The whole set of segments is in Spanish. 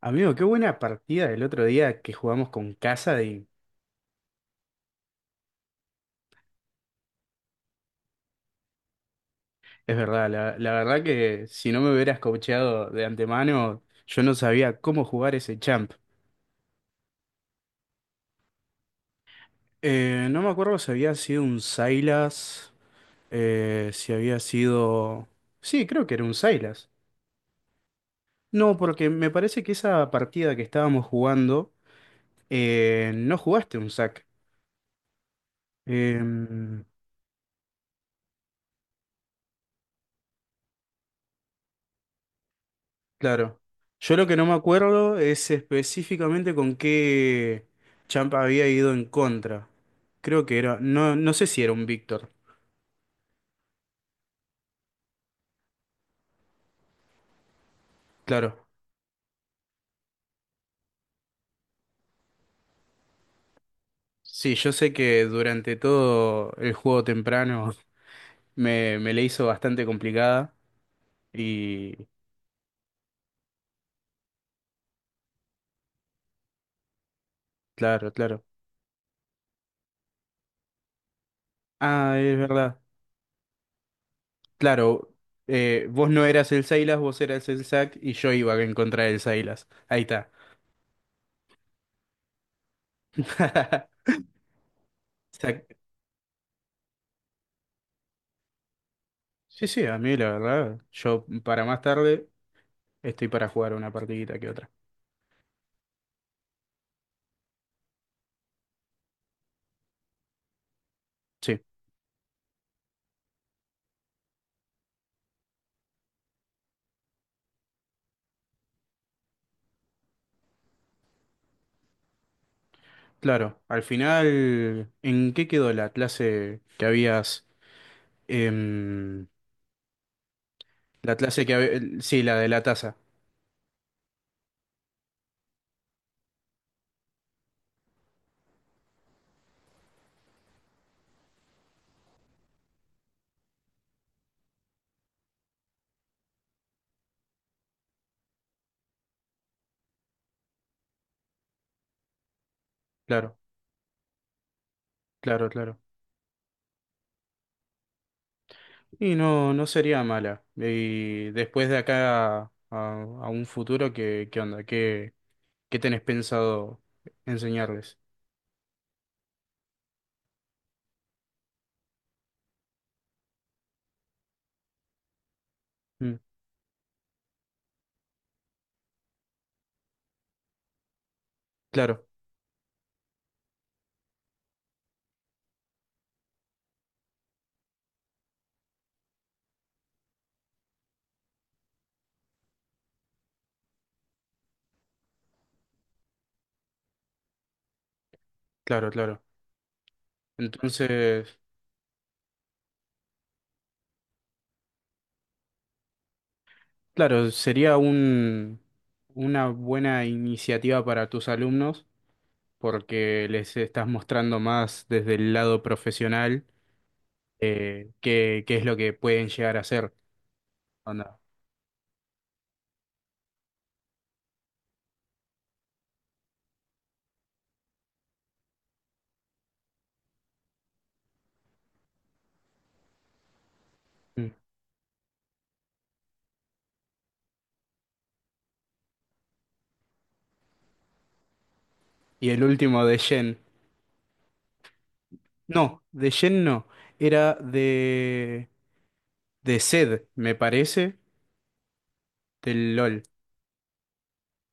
Amigo, qué buena partida del otro día que jugamos con casa y es verdad, la verdad que si no me hubieras coacheado de antemano, yo no sabía cómo jugar ese champ. No me acuerdo si había sido un Sylas, si había sido... Sí, creo que era un Sylas. No, porque me parece que esa partida que estábamos jugando, no jugaste un sac. Claro. Yo lo que no me acuerdo es específicamente con qué champ había ido en contra. Creo que era, no, no sé si era un Víctor. Claro. Sí, yo sé que durante todo el juego temprano me le hizo bastante complicada. Y claro. Ah, es verdad. Claro, vos no eras el Silas, vos eras el Zack y yo iba en contra del Silas. Ahí está. Zack. Sí, sí, a mí la verdad, yo para más tarde. Estoy para jugar una partidita que otra. Sí, claro. Al final, ¿en qué quedó la clase que habías... em, la clase que... hab- Sí, la de la taza. Claro, claro, claro. Y no, no sería mala. Y después de acá a un futuro, ¿qué, qué onda? ¿Qué tenés pensado enseñarles? Mm, claro, claro, claro. Entonces, claro, sería una buena iniciativa para tus alumnos porque les estás mostrando más desde el lado profesional qué es lo que pueden llegar a hacer. Onda. Mm. Y el último de Shen. No, de Shen no. Era de Zed, me parece, del LOL.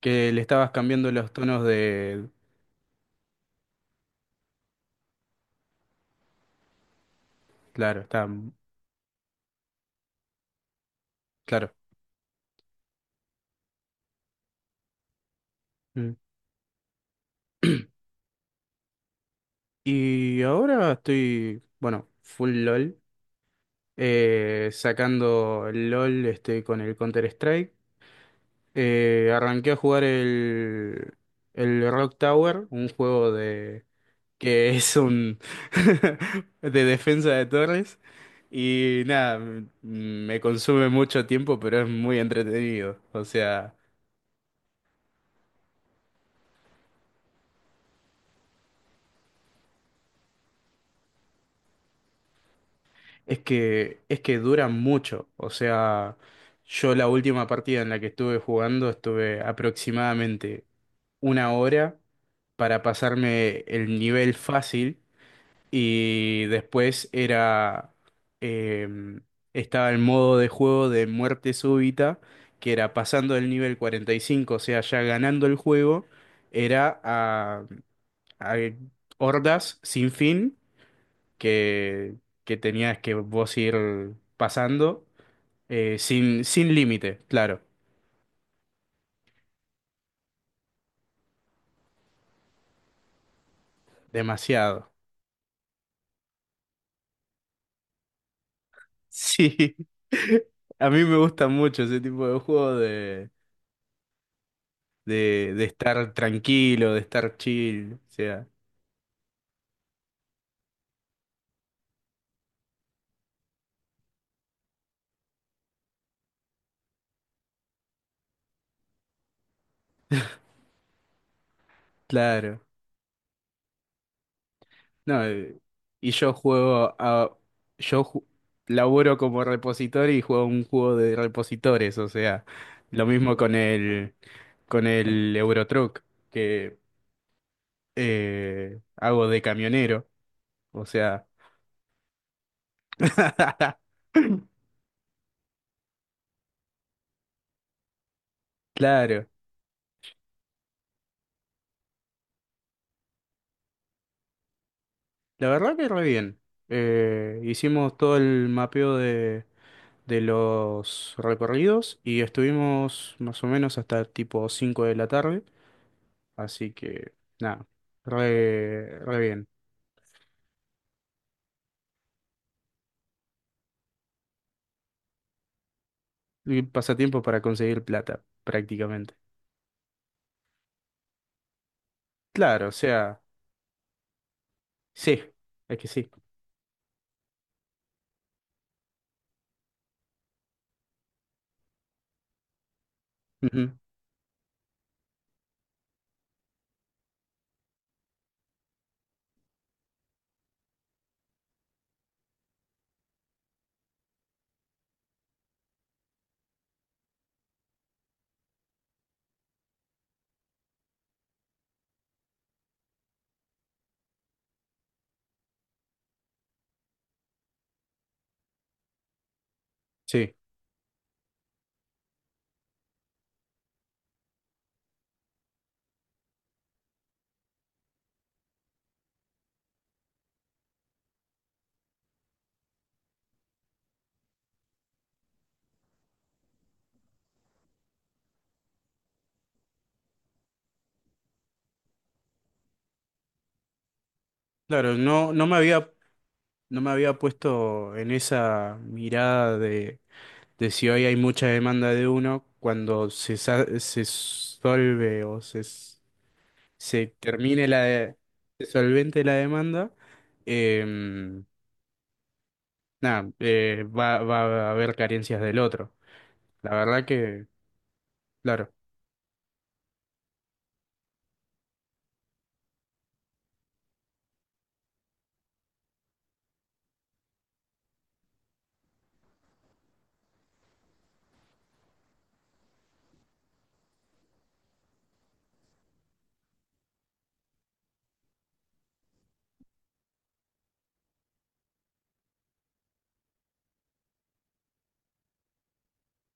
Que le estabas cambiando los tonos de... Claro, está... mm, claro. Mm. Y ahora estoy, bueno, full LOL. Sacando el LOL este, con el Counter-Strike. Arranqué a jugar el Rock Tower, un juego de que es un de defensa de torres. Y nada, me consume mucho tiempo, pero es muy entretenido. O sea, es que dura mucho. O sea, yo la última partida en la que estuve jugando estuve aproximadamente una hora para pasarme el nivel fácil y después era. em, estaba el modo de juego de muerte súbita, que era pasando el nivel 45, o sea, ya ganando el juego, era a hordas sin fin que, que tenías que vos ir pasando, sin límite, claro, demasiado. Sí, a mí me gusta mucho ese tipo de juego de estar tranquilo, de estar chill, o sea, claro. No, y yo juego yo ju- laburo como repositorio y juego un juego de repositores, o sea, lo mismo con con el Eurotruck, que hago de camionero, o sea, claro, la verdad que re bien. Hicimos todo el mapeo de los recorridos y estuvimos más o menos hasta tipo 5 de la tarde, así que nada, re bien. Y pasatiempo para conseguir plata, prácticamente. Claro, o sea, sí, es que sí. Ujú, sí, claro, no me había puesto en esa mirada de si hoy hay mucha demanda de uno cuando se solve o se termine la de- se solvente la demanda, em, nada, va, va a haber carencias del otro. La verdad que, claro,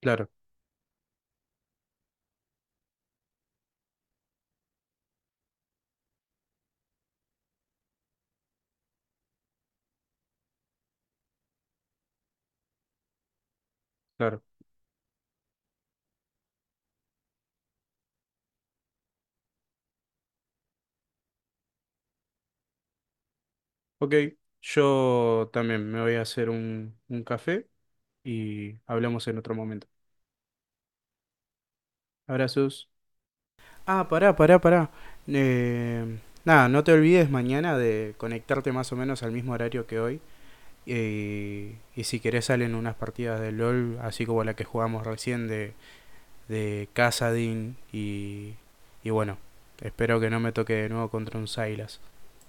claro, claro. Ok, yo también me voy a hacer un café y hablamos en otro momento. Abrazos. Ah, pará, pará, pará. Eh, nada, no te olvides mañana de conectarte más o menos al mismo horario que hoy. Y si querés salen unas partidas de LOL, así como la que jugamos recién de Casadin y bueno, espero que no me toque de nuevo contra un Silas.